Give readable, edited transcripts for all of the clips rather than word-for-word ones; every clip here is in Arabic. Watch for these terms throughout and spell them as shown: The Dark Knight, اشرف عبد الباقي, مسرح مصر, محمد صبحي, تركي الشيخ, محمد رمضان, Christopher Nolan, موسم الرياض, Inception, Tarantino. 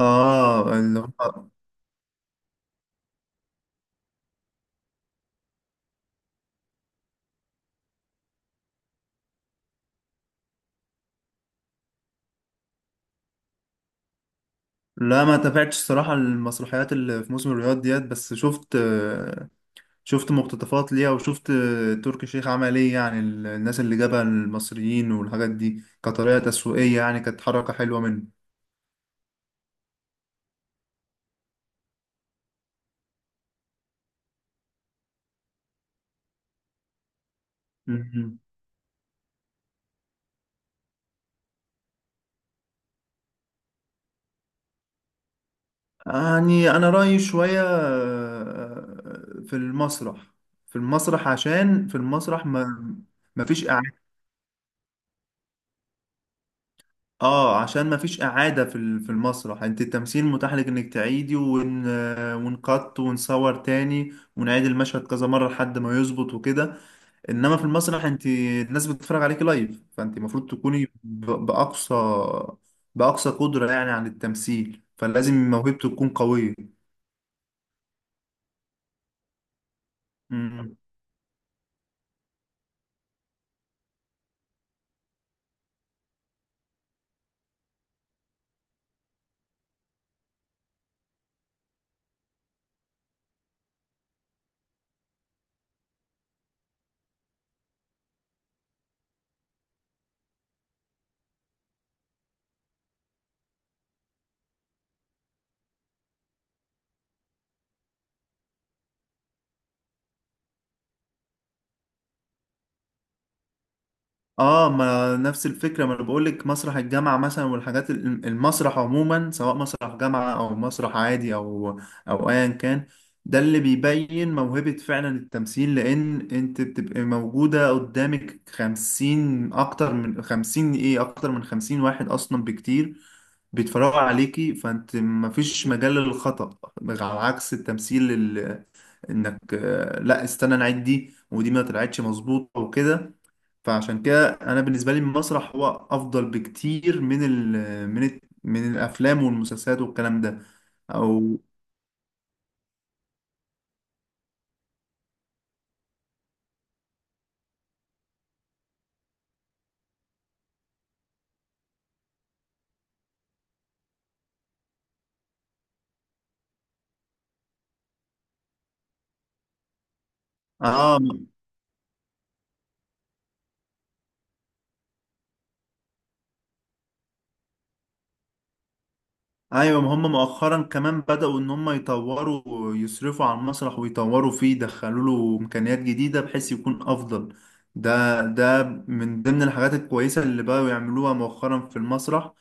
اه اللي هو لا ما تابعتش الصراحة المسرحيات اللي في موسم الرياض ديت، بس شفت مقتطفات ليها وشفت تركي الشيخ عمل ايه. يعني الناس اللي جابها المصريين والحاجات دي كطريقة تسويقية يعني كانت حركة حلوة منه. مهم. يعني أنا رأيي شوية في المسرح. عشان في المسرح ما فيش. اه عشان ما فيش اعاده في المسرح، انت التمثيل متاح لك انك تعيدي ونقط ونصور تاني ونعيد المشهد كذا مره لحد ما يظبط وكده. انما في المسرح انت الناس بتتفرج عليكي لايف، فانت المفروض تكوني باقصى قدره يعني عن التمثيل، فلازم موهبته تكون قويه. اه ما نفس الفكره، ما انا بقول لك مسرح الجامعه مثلا المسرح عموما سواء مسرح جامعه او مسرح عادي او ايا كان، ده اللي بيبين موهبه فعلا التمثيل، لان انت بتبقى موجوده قدامك خمسين، اكتر من خمسين، ايه، اكتر من خمسين واحد اصلا بكتير بيتفرجوا عليكي، فانت مفيش مجال للخطأ. على عكس انك لا استنى نعيد دي، ودي ما طلعتش مظبوطه وكده. فعشان كده انا بالنسبه لي المسرح هو افضل بكتير من الافلام والمسلسلات والكلام ده. او اه. ايوه ما هم مؤخرا كمان بدأوا ان هم يطوروا، يصرفوا على المسرح ويطوروا فيه، يدخلوا له امكانيات جديده بحيث يكون افضل. ده من ضمن الحاجات الكويسه اللي بقوا يعملوها مؤخرا في المسرح.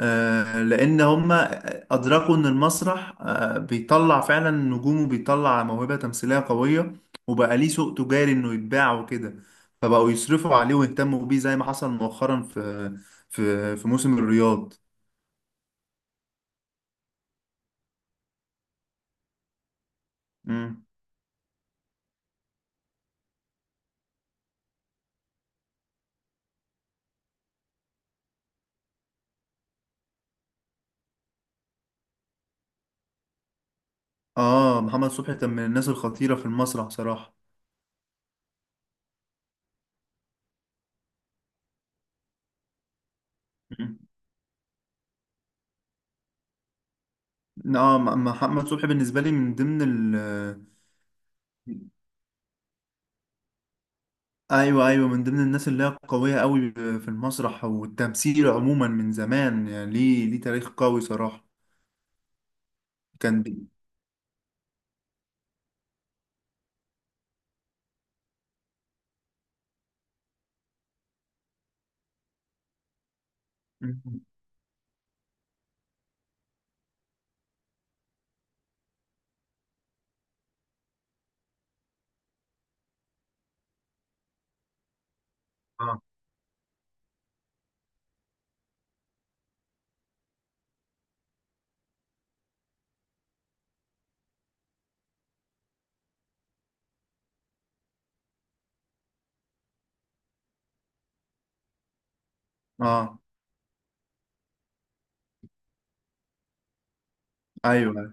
لان هم ادركوا ان المسرح بيطلع فعلا نجوم وبيطلع موهبه تمثيليه قويه، وبقى ليه سوق تجاري انه يتباع وكده. فبقوا يصرفوا عليه ويهتموا بيه زي ما حصل مؤخرا في موسم الرياض. مم. اه محمد صبحي كان من الناس الخطيرة في المسرح صراحة. مم. اه محمد صبحي بالنسبة لي من ضمن ال. ايوه، ايوه، من ضمن الناس اللي هي قوية قوي في المسرح والتمثيل عموما من زمان، يعني ليه تاريخ قوي صراحة. كان بي... مم. اه اه. ايوه،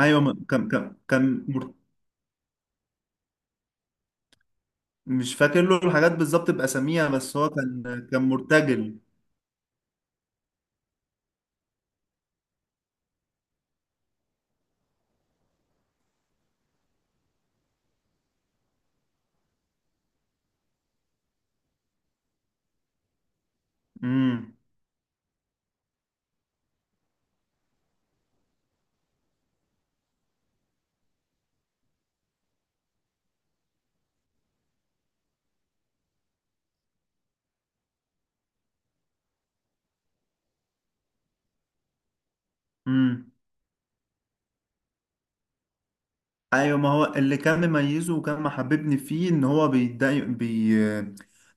ايوه، كان مش فاكر له الحاجات بالظبط بأساميها، بس هو كان كان مرتجل. امم. ايوه ما هو اللي كان مميزه وكان محببني فيه ان هو بيدعي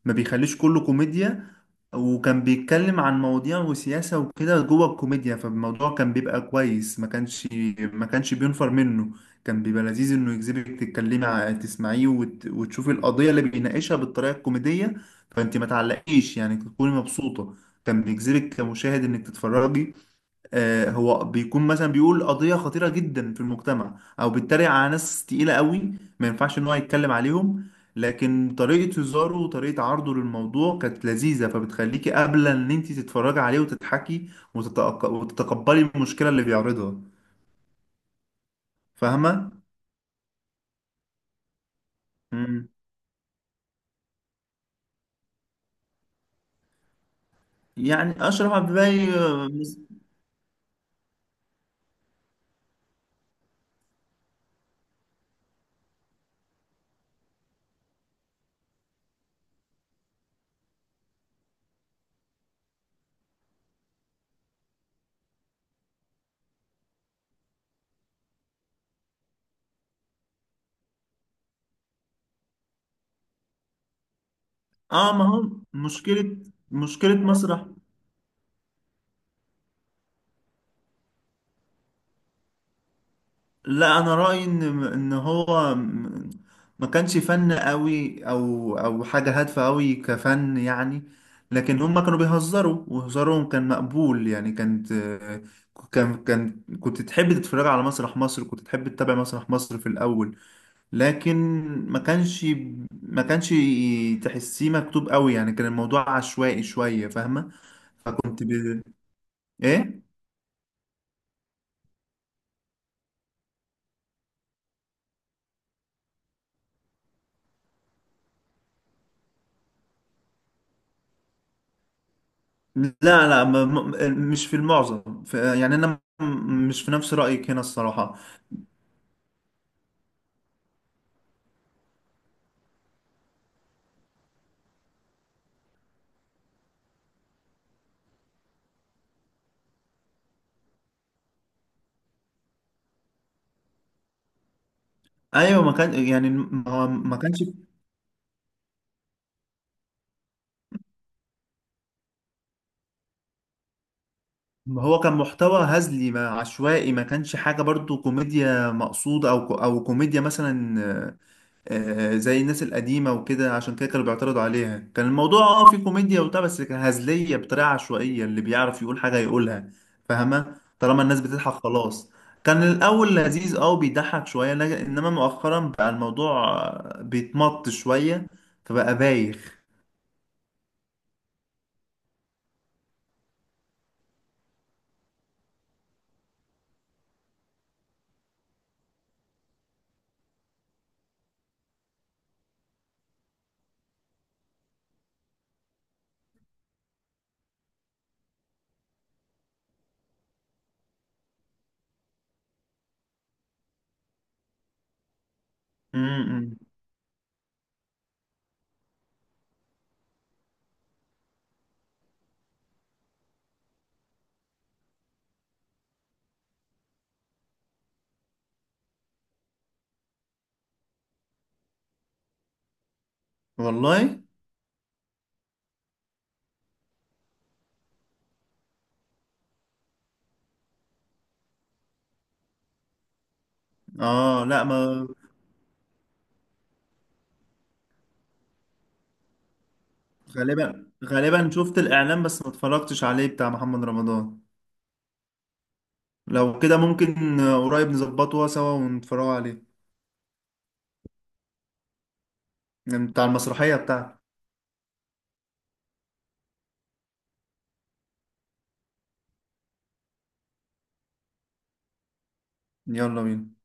ما بيخليش كله كوميديا، وكان بيتكلم عن مواضيع وسياسة وكده جوه الكوميديا، فالموضوع كان بيبقى كويس، ما كانش بينفر منه، كان بيبقى لذيذ انه يجذبك تسمعيه وتشوفي القضية اللي بيناقشها بالطريقة الكوميدية. فانت ما تعلقيش يعني، تكوني مبسوطة، كان بيجذبك كمشاهد انك تتفرجي. هو بيكون مثلا بيقول قضية خطيرة جدا في المجتمع، او بيتريق على ناس تقيلة قوي ما ينفعش ان هو يتكلم عليهم، لكن طريقة هزاره وطريقة عرضه للموضوع كانت لذيذة، فبتخليكي قابلة ان انت تتفرجي عليه وتضحكي وتتقبلي المشكلة اللي بيعرضها. فاهمة؟ مم. يعني اشرف عبد الباقي ما هو مشكلة، مشكلة مسرح. لا انا رايي ان ما كانش فن قوي او حاجه هادفه قوي كفن يعني، لكن هم كانوا بيهزروا وهزارهم كان مقبول يعني. كان كان كنت تحب تتفرج على مسرح مصر، كنت تحب تتابع مسرح مصر في الاول، لكن ما كانش ما كانش تحسيه مكتوب قوي يعني، كان الموضوع عشوائي شويه، فاهمه. فكنت ب... ايه. لا لا مش في المعظم، في يعني انا مش في نفس رايك هنا الصراحه. ايوه ما كان يعني، ما هو ما كانش. ما هو كان محتوى هزلي، ما عشوائي، ما كانش حاجه برضو كوميديا مقصوده او كوميديا مثلا زي الناس القديمة وكده، عشان كده كانوا بيعترضوا عليها. كان الموضوع اه فيه كوميديا وبتاع، بس كان هزلية بطريقة عشوائية، اللي بيعرف يقول حاجة يقولها. فاهمة طالما الناس بتضحك خلاص. كان الأول لذيذ اه بيضحك شوية، إنما مؤخرا بقى الموضوع بيتمط شوية، فبقى بايخ. امم. والله. اه. لا ما. غالبا شفت الإعلان بس ما اتفرجتش عليه، بتاع محمد رمضان. لو كده ممكن قريب نظبطه سوا ونتفرجوا عليه. بتاع المسرحية بتاعتي. يلا بينا.